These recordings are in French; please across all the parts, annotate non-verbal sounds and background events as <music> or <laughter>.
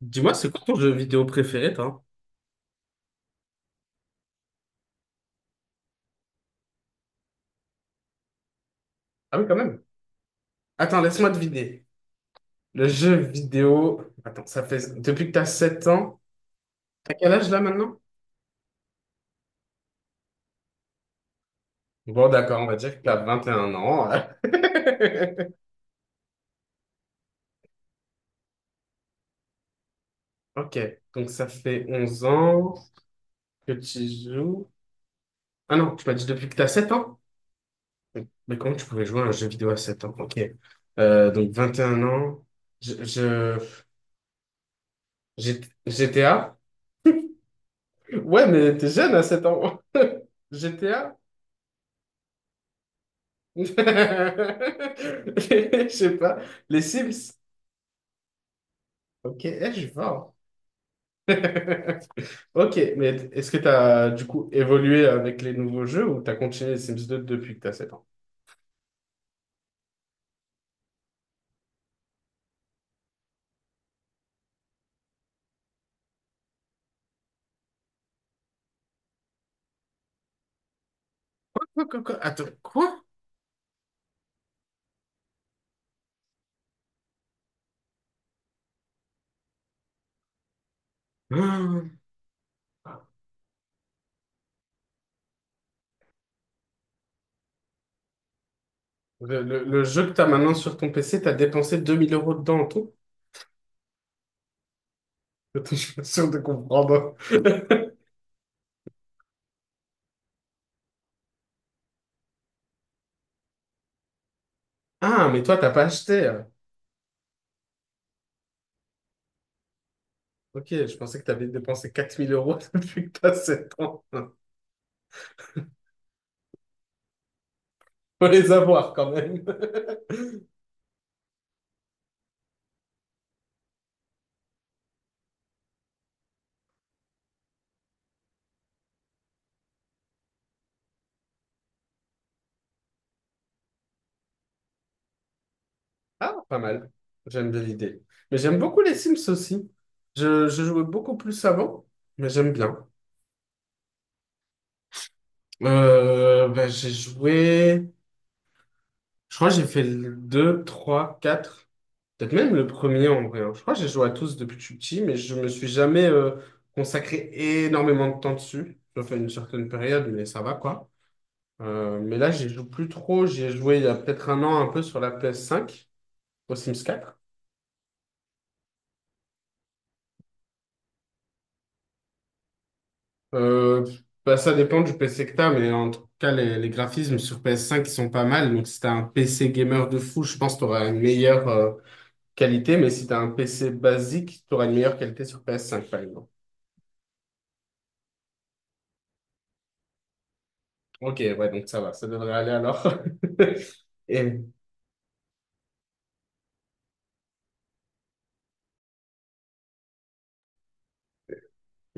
Dis-moi, c'est quoi ton jeu vidéo préféré, toi? Ah oui, quand même. Attends, laisse-moi deviner. Le jeu vidéo. Attends, ça fait. Depuis que t'as 7 ans. T'as quel âge là maintenant? Bon, d'accord, on va dire que t'as 21 ans. <laughs> Ok, donc ça fait 11 ans que tu joues. Ah non, tu m'as dit depuis que t'as 7 ans? Mais comment tu pouvais jouer à un jeu vidéo à 7 ans? Ok. Donc 21 ans. Je, je- G- GTA? Ouais, mais t'es jeune à 7 ans. <laughs> GTA? <laughs> Je sais pas. Les Sims. Ok, eh, je suis fort. <laughs> Ok, mais est-ce que tu as du coup évolué avec les nouveaux jeux ou tu as continué les Sims deux depuis que tu as 7 ans? Quoi, quoi, quoi, attends, quoi? <gasps> Hum. Le jeu que tu as maintenant sur ton PC, tu as dépensé 2000 € dedans en tout? Attends, <laughs> je suis pas sûr de comprendre. <laughs> Ah, mais toi, t'as pas acheté. Ok, je pensais que tu avais dépensé 4000 € <laughs> depuis que tu as 7 ans. Faut les avoir quand même. Ah, pas mal. J'aime bien l'idée. Mais j'aime beaucoup les Sims aussi. Je jouais beaucoup plus avant, mais j'aime bien. Ben, j'ai joué. Je crois que j'ai fait le 2, 3, 4. Peut-être même le premier en vrai, hein. Je crois que j'ai joué à tous depuis que je suis petit, mais je me suis jamais consacré énormément de temps dessus. J'ai fait une certaine période, mais ça va quoi. Mais là, j'y joue plus trop. J'y ai joué il y a peut-être un an un peu sur la PS5 au Sims 4. Euh, bah, ça dépend du PC que t'as, mais en tout cas, les graphismes sur PS5, ils sont pas mal. Donc, si t'as un PC gamer de fou, je pense que t'auras une meilleure qualité. Mais si t'as un PC basique, t'auras une meilleure qualité sur PS5, par exemple. Ok, ouais, donc ça va, ça devrait aller alors. <laughs> Et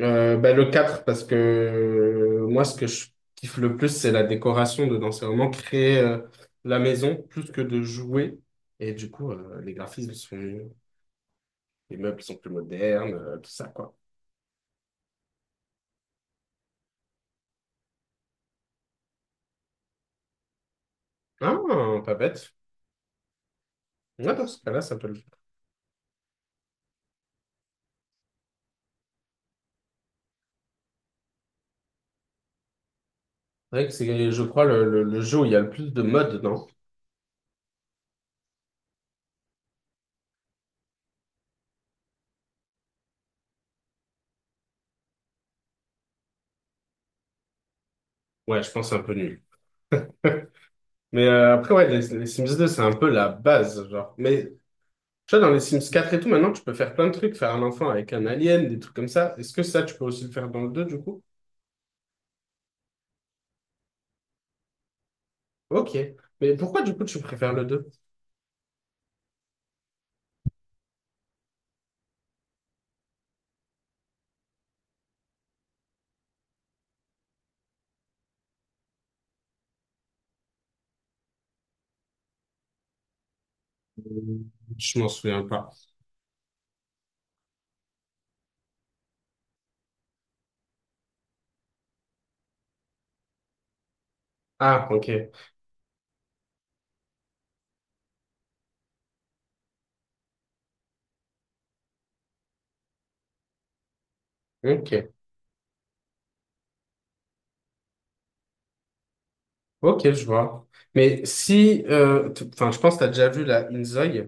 bah, le 4 parce que moi, ce que je kiffe le plus, c'est la décoration dedans. C'est vraiment créer la maison plus que de jouer. Et du coup, les graphismes sont. Les meubles sont plus modernes, tout ça, quoi. Ah, pas bête. Ouais, dans ce cas-là, ça peut le faire. C'est vrai que c'est, je crois, le jeu où il y a le plus de modes, non? Ouais, je pense que c'est un peu nul. <laughs> Mais après, ouais, les Sims deux, c'est un peu la base, genre. Mais tu vois, dans les Sims quatre et tout, maintenant, tu peux faire plein de trucs, faire un enfant avec un alien, des trucs comme ça. Est-ce que ça, tu peux aussi le faire dans le deux, du coup? Ok. Mais pourquoi, du coup, tu préfères le deux? Je m'en souviens pas. Ah, ok. Ok. Ok, je vois. Mais si enfin, je pense que tu as déjà vu la Inzoi.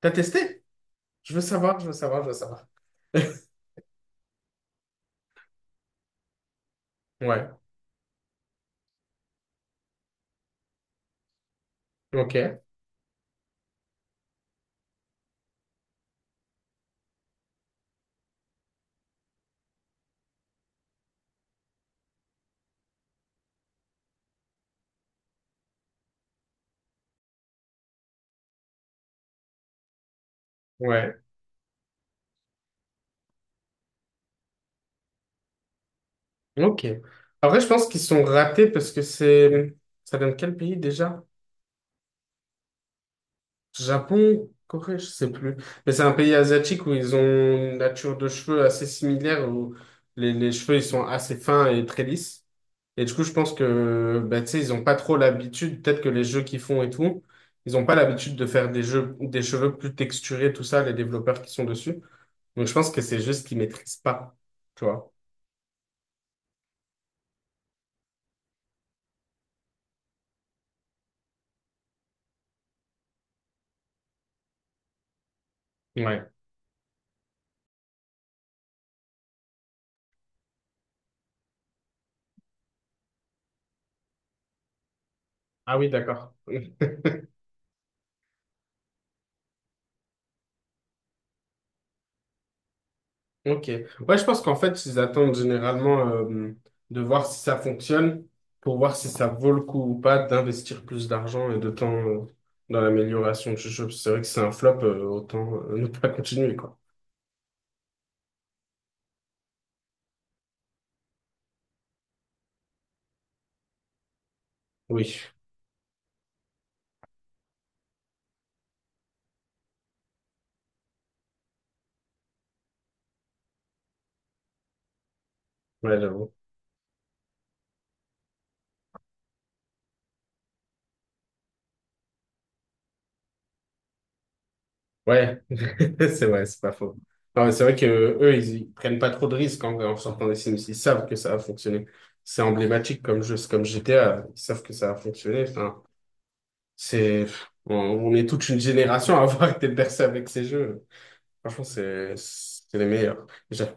T'as testé? Je veux savoir, je veux savoir, je veux savoir. <laughs> Ouais, ok, ouais, ok. Après, je pense qu'ils sont ratés parce que c'est. Ça vient de quel pays déjà? Japon, Corée, je sais plus. Mais c'est un pays asiatique où ils ont une nature de cheveux assez similaire, où les cheveux, ils sont assez fins et très lisses. Et du coup, je pense que, bah, tu sais, ils ont pas trop l'habitude, peut-être que les jeux qu'ils font et tout, ils ont pas l'habitude de faire des jeux, des cheveux plus texturés, tout ça, les développeurs qui sont dessus. Donc, je pense que c'est juste qu'ils maîtrisent pas, tu vois. Ouais. Ah oui, d'accord. <laughs> Ok. Ouais, je pense qu'en fait, ils attendent généralement de voir si ça fonctionne pour voir si ça vaut le coup ou pas d'investir plus d'argent et de temps dans l'amélioration du jeu. C'est vrai que c'est un flop, autant <laughs> ne pas continuer, quoi. Oui, ouais, j'avoue. Ouais, <laughs> c'est vrai, c'est pas faux. Non, mais c'est vrai que eux, ils prennent pas trop de risques en, en sortant des Sims. Ils savent que ça va fonctionner. C'est emblématique comme jeu, c'est comme GTA. Ils savent que ça va fonctionner. Enfin, C'est, on est toute une génération à avoir <laughs> été bercé avec ces jeux. Franchement, c'est les meilleurs.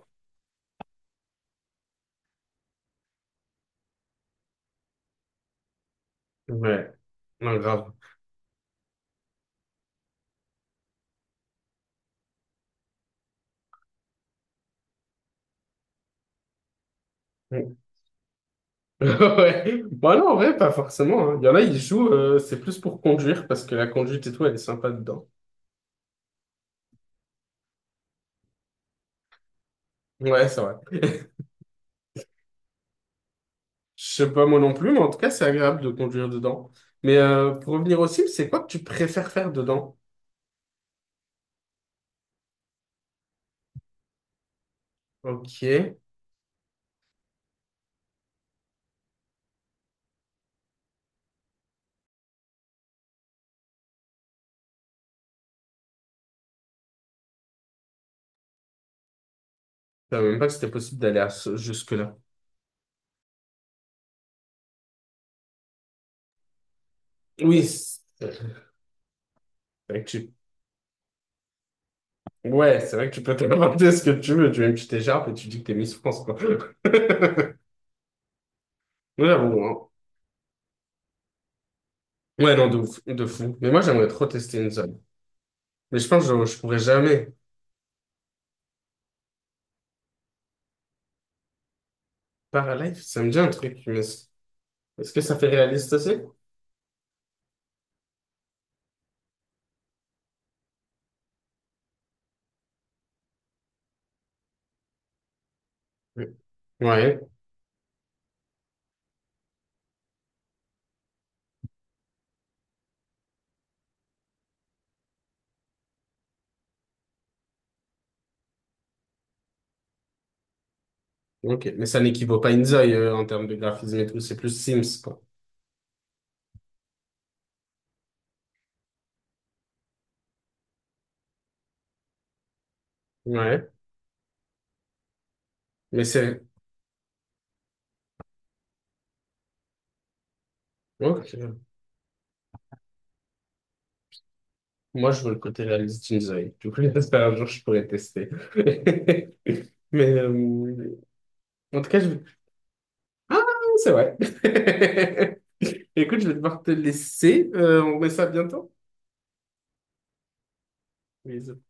Ouais, non, grave. <laughs> Ouais. Bah non, en vrai, pas forcément, hein. Il y en a, ils jouent, c'est plus pour conduire parce que la conduite et tout, elle est sympa dedans. Ouais, c'est vrai. <laughs> Je sais pas moi non plus, mais en tout cas, c'est agréable de conduire dedans. Mais pour revenir au cible, c'est quoi que tu préfères faire dedans? Ok. Je savais même pas que c'était possible d'aller à jusque-là. Oui. c'est- vrai que tu Ouais, c'est vrai que tu peux te demander ce que tu veux. Tu mets une petite écharpe et tu dis que t'es Miss France, quoi. <laughs> Ouais, bon, hein. Ouais, non, de ouf, de fou. Mais moi, j'aimerais trop tester une zone. Mais je pense que je pourrais jamais. Paralife, ça me dit un truc, est-ce que ça fait réaliste aussi? Oui. Ouais, ok. Mais ça n'équivaut pas à une zone en termes de graphisme et tout. C'est plus Sims, quoi. Ouais, mais c'est. Ok. Moi, je veux le côté réaliste d'une zone. Du coup, <laughs> j'espère un jour, je pourrais tester. <laughs> Mais en tout cas, je. Ah, c'est vrai. <laughs> Écoute, je vais devoir te laisser. On remet ça bientôt. Bisous.